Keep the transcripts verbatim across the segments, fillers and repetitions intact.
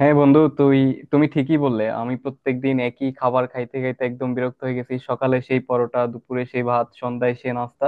হ্যাঁ বন্ধু। তুই তুমি ঠিকই বললে। আমি প্রত্যেকদিন একই খাবার খাইতে খাইতে একদম বিরক্ত হয়ে গেছি। সকালে সেই পরোটা, দুপুরে সেই ভাত, সন্ধ্যায় সেই নাস্তা।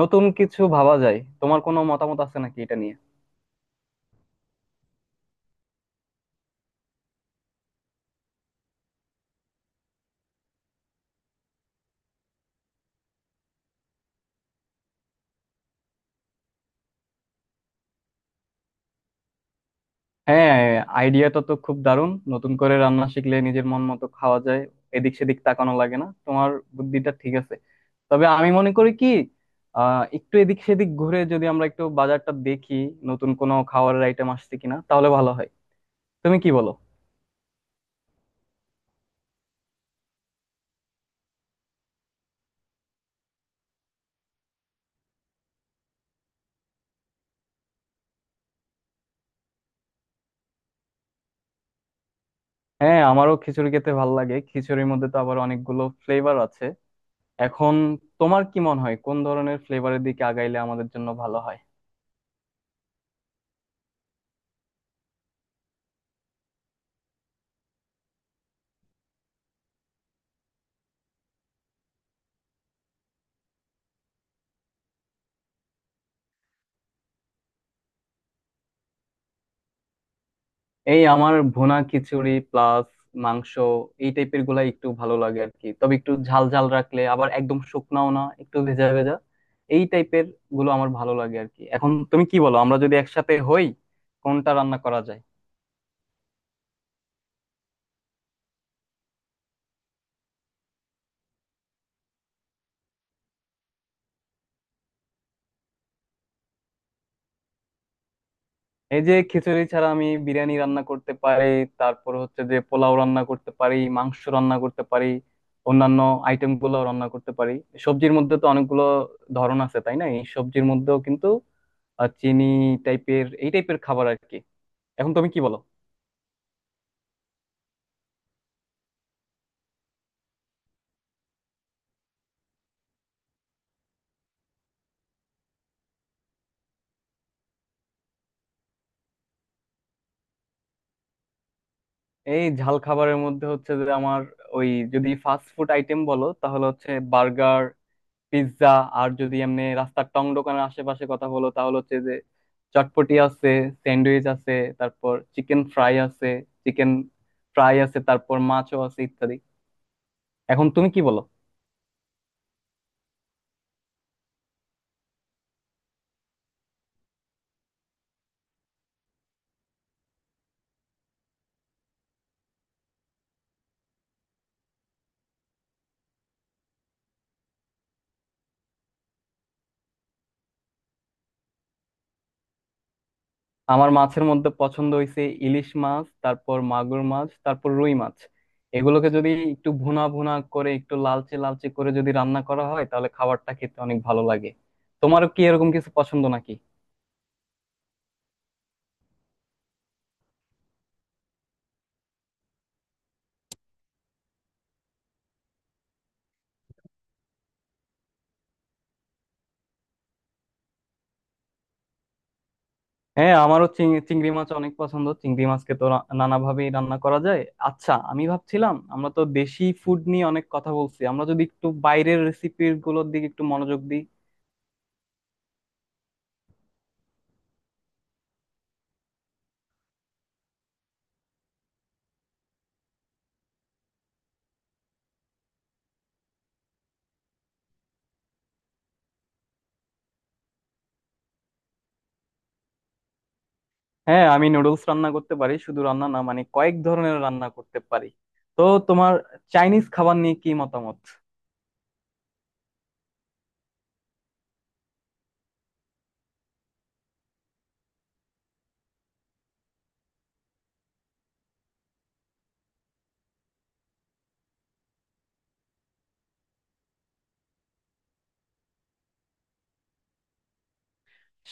নতুন কিছু ভাবা যায়? তোমার কোনো মতামত আছে নাকি এটা নিয়ে? হ্যাঁ। আইডিয়াটা তো খুব দারুণ, নতুন করে রান্না শিখলে নিজের মন মতো খাওয়া যায়, এদিক সেদিক তাকানো লাগে না তোমার। বুদ্ধিটা ঠিক আছে। তবে আমি মনে করি কি, আহ একটু এদিক সেদিক ঘুরে যদি আমরা একটু বাজারটা দেখি, নতুন কোনো খাবারের আইটেম আসছে কিনা, তাহলে ভালো হয়। তুমি কি বলো? হ্যাঁ, আমারও খিচুড়ি খেতে ভালো লাগে। খিচুড়ির মধ্যে তো আবার অনেকগুলো ফ্লেভার আছে। এখন তোমার কি মনে হয় কোন ধরনের ফ্লেভারের দিকে আগাইলে আমাদের জন্য ভালো হয়? এই আমার ভুনা খিচুড়ি প্লাস মাংস, এই টাইপের গুলা একটু ভালো লাগে আর কি। তবে একটু ঝাল ঝাল রাখলে, আবার একদম শুকনাও না, একটু ভেজা ভেজা, এই টাইপের গুলো আমার ভালো লাগে আর কি। এখন তুমি কি বলো, আমরা যদি একসাথে হই কোনটা রান্না করা যায়? এই যে, খিচুড়ি ছাড়া আমি বিরিয়ানি রান্না করতে পারি, তারপর হচ্ছে যে পোলাও রান্না করতে পারি, মাংস রান্না করতে পারি, অন্যান্য আইটেম গুলো রান্না করতে পারি। সবজির মধ্যে তো অনেকগুলো ধরন আছে, তাই না? এই সবজির মধ্যেও কিন্তু আর চিনি টাইপের, এই টাইপের খাবার আর কি। এখন তুমি কি বলো? এই ঝাল খাবারের মধ্যে হচ্ছে যে আমার, ওই, যদি ফাস্ট ফুড আইটেম বলো, তাহলে হচ্ছে বার্গার, পিৎজা। আর যদি এমনি রাস্তার টং দোকানের আশেপাশে কথা হলো, তাহলে হচ্ছে যে চটপটি আছে, স্যান্ডউইচ আছে, তারপর চিকেন ফ্রাই আছে, চিকেন ফ্রাই আছে তারপর মাছও আছে, ইত্যাদি। এখন তুমি কি বলো? আমার মাছের মধ্যে পছন্দ হয়েছে ইলিশ মাছ, তারপর মাগুর মাছ, তারপর রুই মাছ। এগুলোকে যদি একটু ভুনা ভুনা করে, একটু লালচে লালচে করে যদি রান্না করা হয়, তাহলে খাবারটা খেতে অনেক ভালো লাগে। তোমারও কি এরকম কিছু পছন্দ নাকি? হ্যাঁ, আমারও চিং- চিংড়ি মাছ অনেক পছন্দ। চিংড়ি মাছকে তো রা- নানাভাবেই রান্না করা যায়। আচ্ছা, আমি ভাবছিলাম, আমরা তো দেশি ফুড নিয়ে অনেক কথা বলছি, আমরা যদি একটু বাইরের রেসিপি গুলোর দিকে একটু মনোযোগ দিই। হ্যাঁ, আমি নুডলস রান্না করতে পারি, শুধু রান্না না, মানে কয়েক ধরনের রান্না করতে পারি। তো তোমার চাইনিজ খাবার নিয়ে কি মতামত?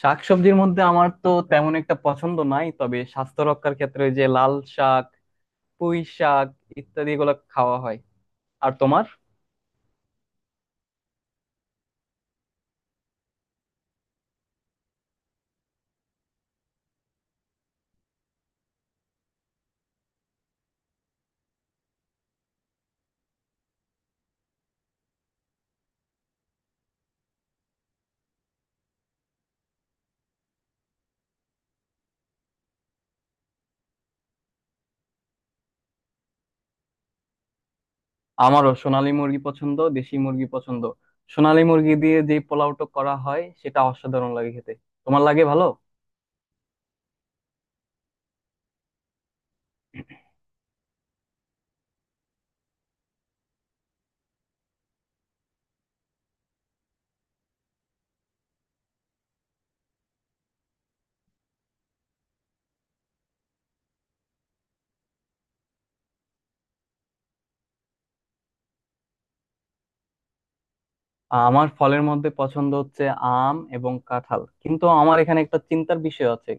শাকসবজির মধ্যে আমার তো তেমন একটা পছন্দ নাই, তবে স্বাস্থ্য রক্ষার ক্ষেত্রে ওই যে লাল শাক, পুঁই শাক, ইত্যাদি এগুলো খাওয়া হয়। আর তোমার? আমারও সোনালী মুরগি পছন্দ, দেশি মুরগি পছন্দ। সোনালী মুরগি দিয়ে যে পোলাওটা করা হয় সেটা অসাধারণ লাগে খেতে। তোমার লাগে ভালো? আমার ফলের মধ্যে পছন্দ হচ্ছে আম এবং কাঁঠাল। কিন্তু আমার এখানে একটা চিন্তার বিষয় আছে।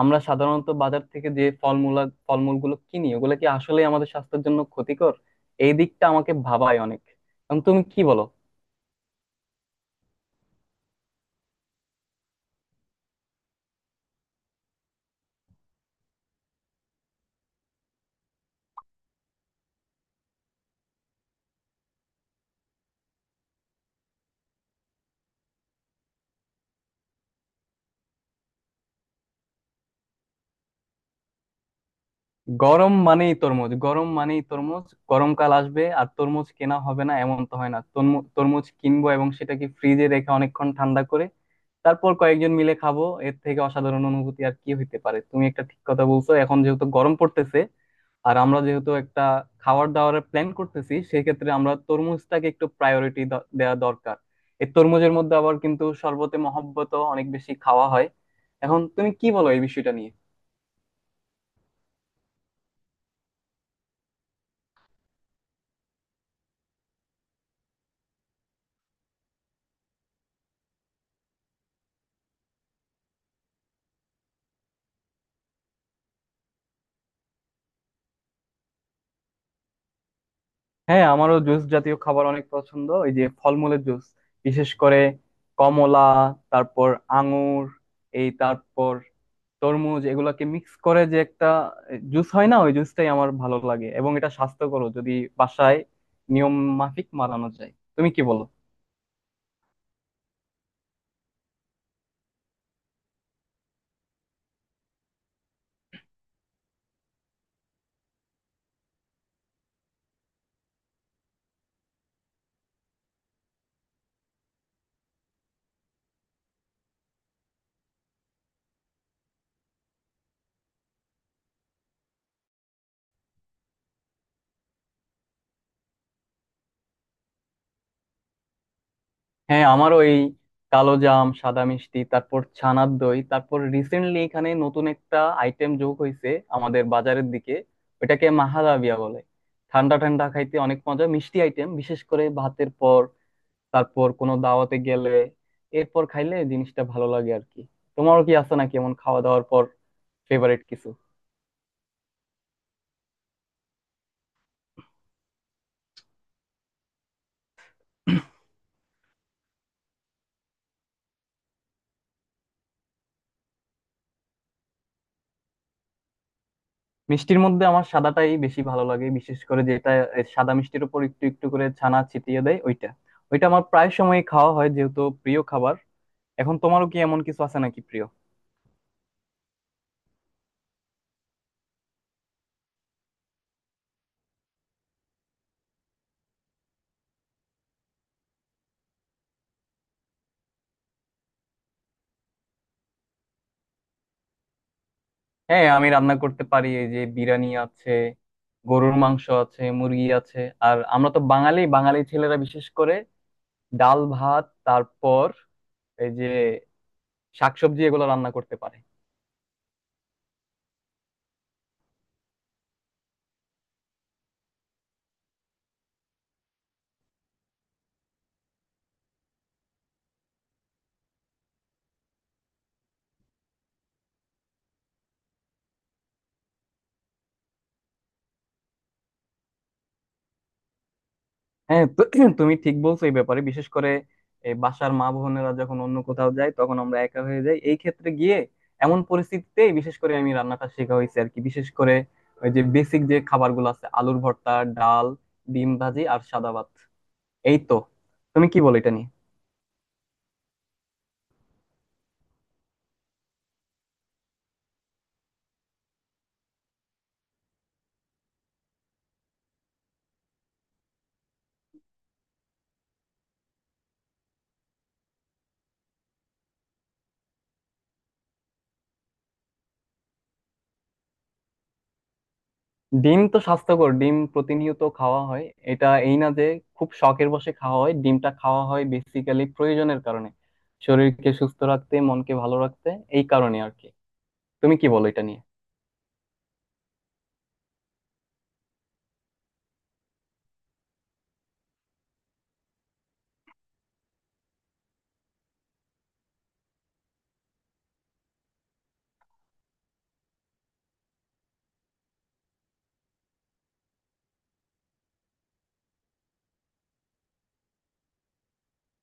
আমরা সাধারণত বাজার থেকে যে ফলমূলা ফলমূলগুলো কিনি, ওগুলো কি আসলে আমাদের স্বাস্থ্যের জন্য ক্ষতিকর? এই দিকটা আমাকে ভাবায় অনেক। এখন তুমি কি বলো? গরম মানেই তরমুজ, গরম মানেই তরমুজ। গরমকাল আসবে আর তরমুজ কেনা হবে না, এমন তো হয় না। তরমু- তরমুজ কিনবো এবং সেটাকে ফ্রিজে রেখে অনেকক্ষণ ঠান্ডা করে তারপর কয়েকজন মিলে খাবো, এর থেকে অসাধারণ অনুভূতি আর কি হইতে পারে। তুমি একটা ঠিক কথা বলছো। এখন যেহেতু গরম পড়তেছে, আর আমরা যেহেতু একটা খাবার দাবারের প্ল্যান করতেছি, সেক্ষেত্রে আমরা তরমুজটাকে একটু প্রায়োরিটি দেওয়া দরকার। এই তরমুজের মধ্যে আবার কিন্তু শরবতে মহব্বত অনেক বেশি খাওয়া হয়। এখন তুমি কি বলো এই বিষয়টা নিয়ে? হ্যাঁ, আমারও জুস জাতীয় খাবার অনেক পছন্দ, এই যে ফলমূলের জুস, বিশেষ করে কমলা, তারপর আঙুর, এই তারপর তরমুজ, এগুলাকে মিক্স করে যে একটা জুস হয় না, ওই জুসটাই আমার ভালো লাগে। এবং এটা স্বাস্থ্যকর, যদি বাসায় নিয়ম মাফিক বানানো যায়। তুমি কি বলো? হ্যাঁ, আমারও এই কালো জাম, সাদা মিষ্টি, তারপর ছানার দই। তারপর রিসেন্টলি এখানে নতুন একটা আইটেম যোগ হয়েছে আমাদের বাজারের দিকে, ওইটাকে মাহাদাবিয়া বলে। ঠান্ডা ঠান্ডা খাইতে অনেক মজা, মিষ্টি আইটেম, বিশেষ করে ভাতের পর, তারপর কোনো দাওয়াতে গেলে এরপর খাইলে জিনিসটা ভালো লাগে আর কি। তোমারও কি আছে নাকি এমন খাওয়া দাওয়ার পর ফেভারিট কিছু? মিষ্টির মধ্যে আমার সাদাটাই বেশি ভালো লাগে, বিশেষ করে যেটা, এ, সাদা মিষ্টির উপর একটু একটু করে ছানা ছিটিয়ে দেয় ওইটা, ওইটা আমার প্রায় সময় খাওয়া হয়, যেহেতু প্রিয় খাবার। এখন তোমারও কি এমন কিছু আছে নাকি প্রিয়? হ্যাঁ, আমি রান্না করতে পারি। এই যে বিরিয়ানি আছে, গরুর মাংস আছে, মুরগি আছে। আর আমরা তো বাঙালি, বাঙালি ছেলেরা বিশেষ করে ডাল ভাত, তারপর এই যে শাকসবজি, এগুলো রান্না করতে পারে। হ্যাঁ। তো তুমি ঠিক বলছো এই ব্যাপারে। বিশেষ করে এই বাসার মা বোনেরা যখন অন্য কোথাও যায়, তখন আমরা একা হয়ে যাই, এই ক্ষেত্রে গিয়ে এমন পরিস্থিতিতে বিশেষ করে আমি রান্নাটা শেখা হয়েছে আর কি। বিশেষ করে ওই যে বেসিক যে খাবারগুলো আছে, আলুর ভর্তা, ডাল, ডিম ভাজি আর সাদা ভাত, এই তো। তুমি কি বলো এটা নিয়ে? ডিম তো স্বাস্থ্যকর, ডিম প্রতিনিয়ত খাওয়া হয়। এটা এই না যে খুব শখের বশে খাওয়া হয়, ডিমটা খাওয়া হয় বেসিক্যালি প্রয়োজনের কারণে, শরীরকে সুস্থ রাখতে, মনকে ভালো রাখতে, এই কারণে আর কি। তুমি কি বলো এটা নিয়ে?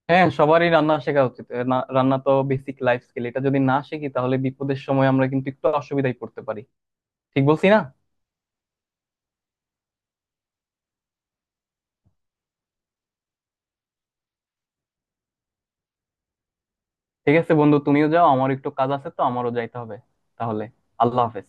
হ্যাঁ, সবারই রান্না শেখা উচিত। এ না- রান্না তো বেসিক লাইফ স্কিল, এটা যদি না শিখি, তাহলে বিপদের সময় আমরা কিন্তু একটু অসুবিধায় পড়তে পারি। ঠিক বলছি না? ঠিক আছে বন্ধু, তুমিও যাও। আমার একটু কাজ আছে, তো আমারও যাইতে হবে। তাহলে আল্লাহ হাফেজ।